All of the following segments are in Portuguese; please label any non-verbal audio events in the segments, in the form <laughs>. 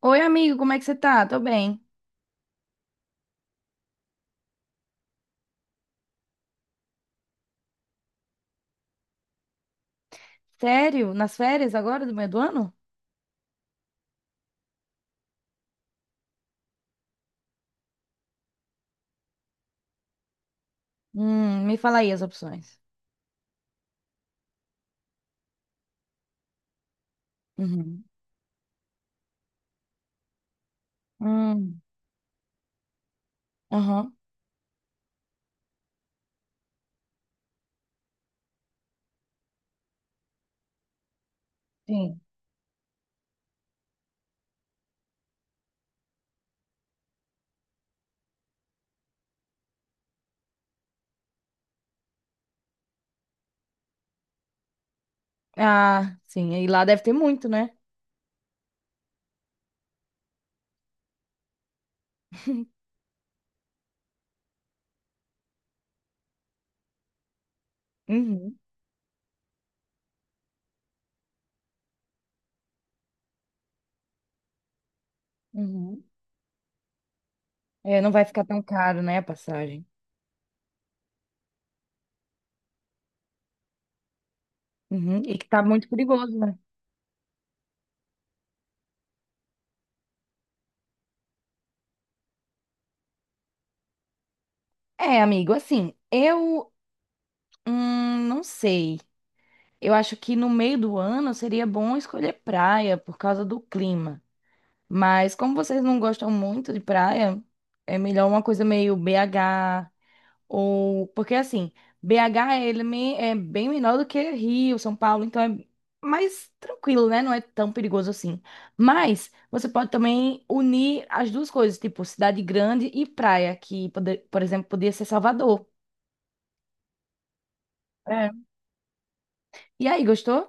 Oi, amigo, como é que você tá? Tô bem. Sério? Nas férias agora do meio do ano? Me fala aí as opções. Uhum. Hum, aham, sim. Ah, sim, e lá deve ter muito, né? <laughs> Uhum, uhum. É, não vai ficar tão caro, né, a passagem. Uhum. E que tá muito perigoso, né? É, amigo, assim, eu não sei. Eu acho que no meio do ano seria bom escolher praia por causa do clima. Mas como vocês não gostam muito de praia, é melhor uma coisa meio BH ou porque assim, BH é bem menor do que Rio, São Paulo, então é mais tranquilo, né? Não é tão perigoso assim. Mas você pode também unir as duas coisas, tipo cidade grande e praia, por exemplo, podia ser Salvador. É. E aí, gostou?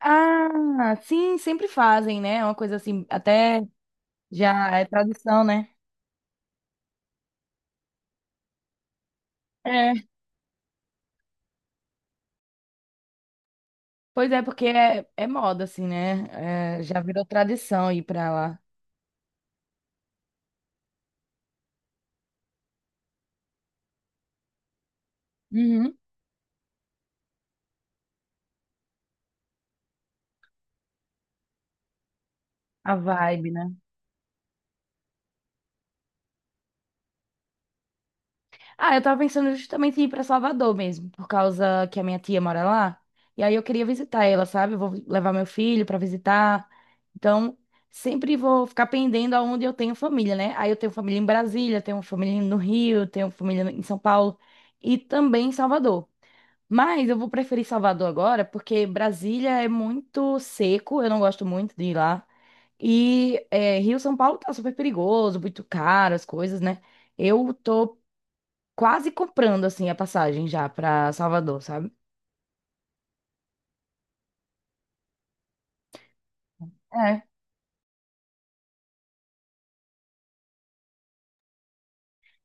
Ah, sim, sempre fazem, né? É uma coisa assim, até já é tradição, né? Pois é, porque é moda, assim, né? É, já virou tradição ir pra lá. Uhum. A vibe, né? Ah, eu tava pensando justamente em ir pra Salvador mesmo, por causa que a minha tia mora lá. E aí eu queria visitar ela, sabe? Eu vou levar meu filho pra visitar. Então, sempre vou ficar pendendo aonde eu tenho família, né? Aí eu tenho família em Brasília, tenho família no Rio, tenho família em São Paulo e também em Salvador. Mas eu vou preferir Salvador agora, porque Brasília é muito seco, eu não gosto muito de ir lá. E é, Rio São Paulo tá super perigoso, muito caro, as coisas, né? Eu tô quase comprando, assim, a passagem já pra Salvador, sabe?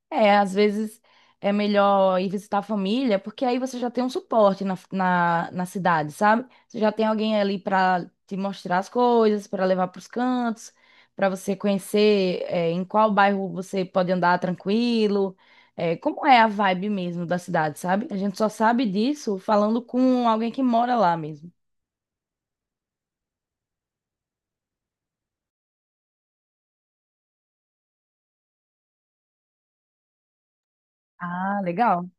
É, às vezes é melhor ir visitar a família, porque aí você já tem um suporte na cidade, sabe? Você já tem alguém ali para te mostrar as coisas, para levar para os cantos, para você conhecer, é, em qual bairro você pode andar tranquilo, é, como é a vibe mesmo da cidade, sabe? A gente só sabe disso falando com alguém que mora lá mesmo. Ah, legal.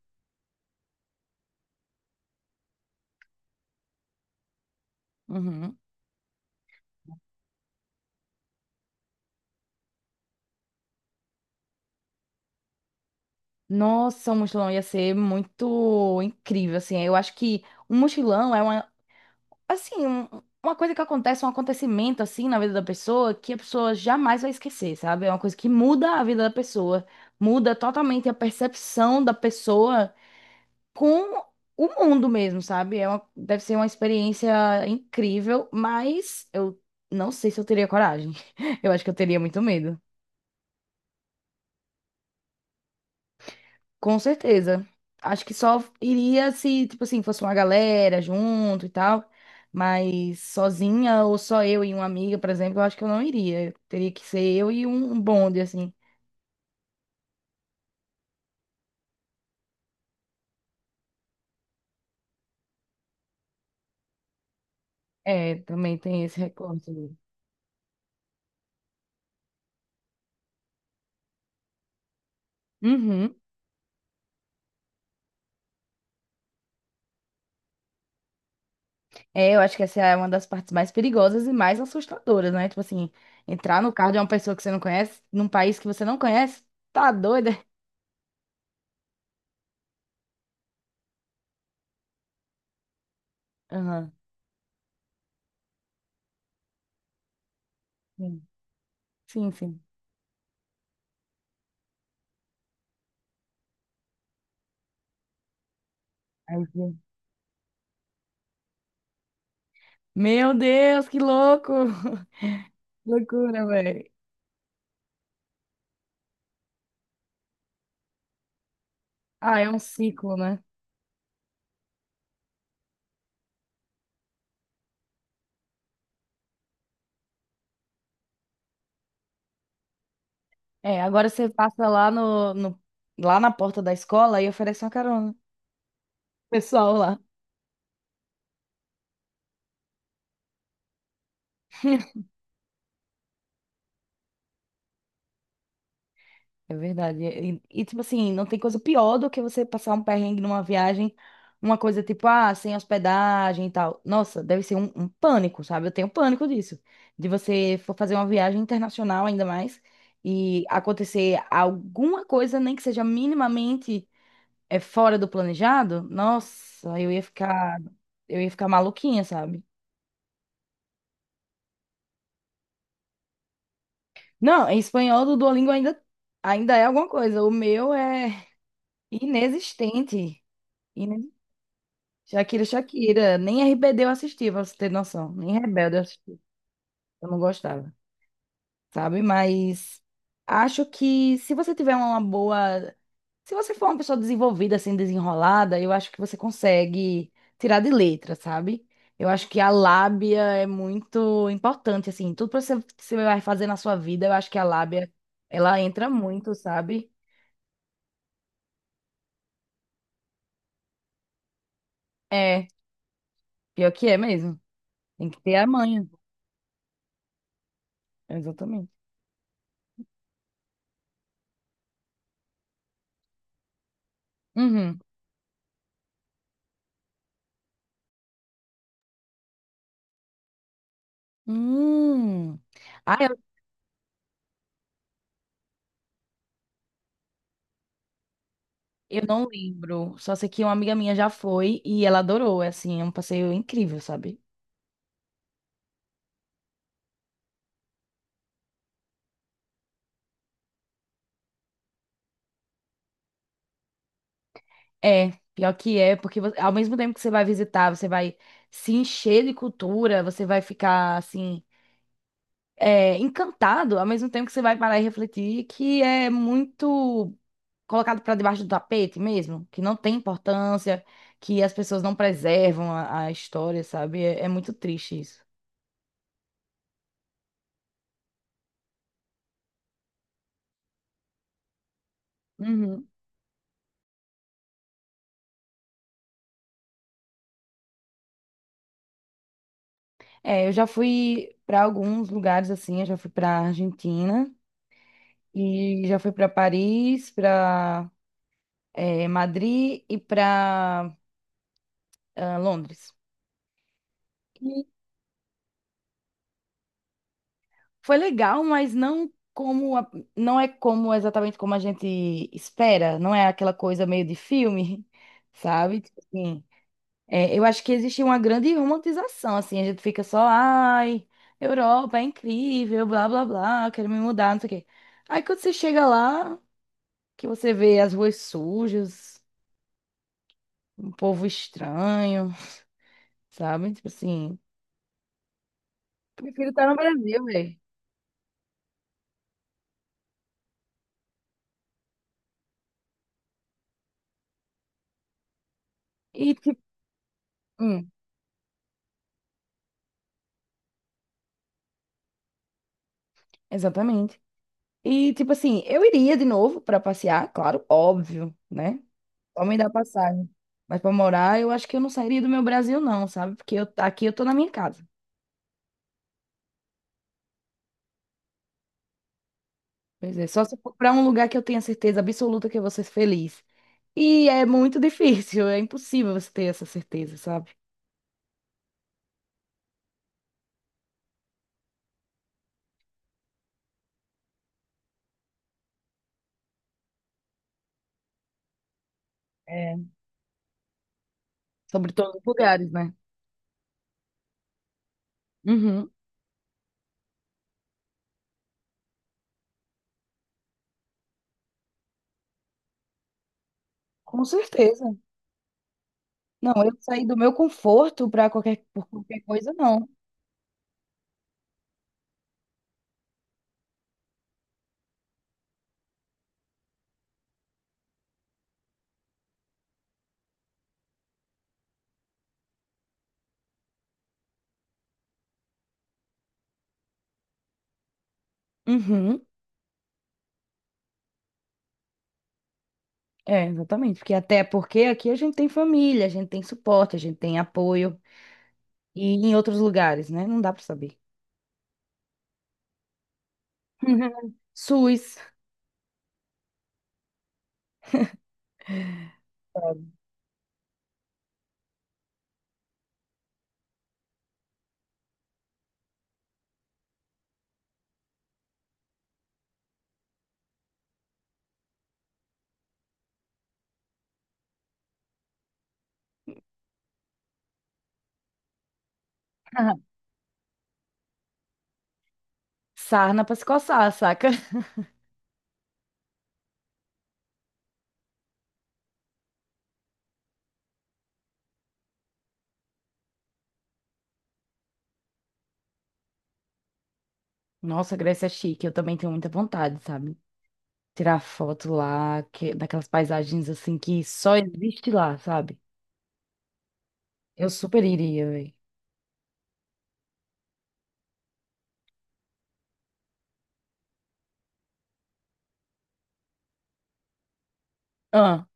Uhum. Nossa, um mochilão ia ser muito incrível, assim. Eu acho que um mochilão é uma assim, uma coisa que acontece, um acontecimento assim na vida da pessoa que a pessoa jamais vai esquecer, sabe? É uma coisa que muda a vida da pessoa, muda totalmente a percepção da pessoa com o mundo mesmo, sabe? É uma, deve ser uma experiência incrível, mas eu não sei se eu teria coragem. <laughs> Eu acho que eu teria muito medo. Com certeza. Acho que só iria se, tipo assim, fosse uma galera junto e tal. Mas sozinha ou só eu e uma amiga, por exemplo, eu acho que eu não iria. Teria que ser eu e um bonde, assim. É, também tem esse recorte ali. Uhum. É, eu acho que essa é uma das partes mais perigosas e mais assustadoras, né? Tipo assim, entrar no carro de uma pessoa que você não conhece, num país que você não conhece, tá doida? Aham. Sim, sim. Sim. Aí, sim. Meu Deus, que louco! <laughs> Loucura, velho. Ah, é um ciclo, né? É, agora você passa lá no, no- lá na porta da escola e oferece uma carona. Pessoal lá. É verdade. E, tipo assim, não tem coisa pior do que você passar um perrengue numa viagem, uma coisa tipo, ah, sem hospedagem e tal. Nossa, deve ser um pânico, sabe? Eu tenho pânico disso. De você for fazer uma viagem internacional ainda mais e acontecer alguma coisa, nem que seja minimamente fora do planejado. Nossa, eu ia ficar maluquinha, sabe? Não, em espanhol do Duolingo ainda é alguma coisa. O meu é inexistente. Ine- Shakira, Shakira. Nem RBD eu assisti, pra você ter noção. Nem Rebelde eu assisti. Eu não gostava, sabe? Mas acho que se você tiver uma boa. Se você for uma pessoa desenvolvida, assim, desenrolada, eu acho que você consegue tirar de letra, sabe? Eu acho que a lábia é muito importante, assim. Tudo que você vai fazer na sua vida, eu acho que a lábia, ela entra muito, sabe? É, pior que é mesmo. Tem que ter a manha. Exatamente. Uhum. Hum. Ah, eu não lembro. Só sei que uma amiga minha já foi e ela adorou. É assim, é um passeio incrível, sabe? É, pior que é, porque ao mesmo tempo que você vai visitar, você vai se encher de cultura, você vai ficar assim, encantado, ao mesmo tempo que você vai parar e refletir que é muito colocado para debaixo do tapete mesmo, que não tem importância, que as pessoas não preservam a história, sabe? É muito triste isso. Uhum. É, eu já fui para alguns lugares assim, eu já fui para Argentina e já fui para Paris, para Madrid e para Londres. E foi legal, mas não é como exatamente como a gente espera, não é aquela coisa meio de filme, <laughs> sabe? Tipo assim, é, eu acho que existe uma grande romantização, assim, a gente fica só, ai, Europa é incrível, blá blá blá, quero me mudar, não sei o quê. Aí quando você chega lá, que você vê as ruas sujas, um povo estranho, <laughs> sabe? Tipo assim, prefiro estar no Brasil, velho. E tipo, hum, exatamente. E tipo assim, eu iria de novo para passear, claro, óbvio, né? Só me dá passagem. Mas para morar, eu acho que eu não sairia do meu Brasil, não, sabe? Porque aqui eu tô na minha casa. Pois é, só se for para um lugar que eu tenha certeza absoluta que eu vou ser feliz. E é muito <laughs> difícil, é impossível você ter essa certeza, sabe? É, sobre todos os lugares, né? Uhum. Com certeza. Não, eu saí do meu conforto para qualquer, por qualquer coisa, não. Uhum. É, exatamente. Porque até porque aqui a gente tem família, a gente tem suporte, a gente tem apoio. E em outros lugares, né? Não dá para saber. <laughs> SUS, <laughs> sarna para se coçar, saca? Nossa, Grécia é chique. Eu também tenho muita vontade, sabe? Tirar foto lá, que, daquelas paisagens assim que só existe lá, sabe? Eu super iria, velho. Ah,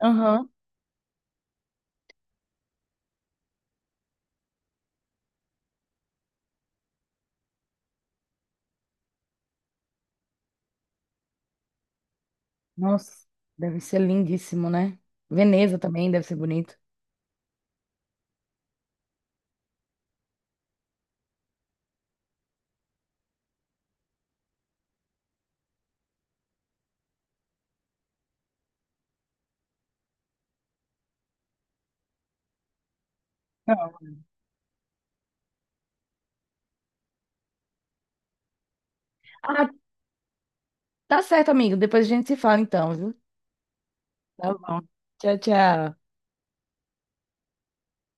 aham. Nossa, deve ser lindíssimo, né? Veneza também deve ser bonito. Não. Ah, tá certo, amigo. Depois a gente se fala então, viu? Tá bom. Tchau, tchau.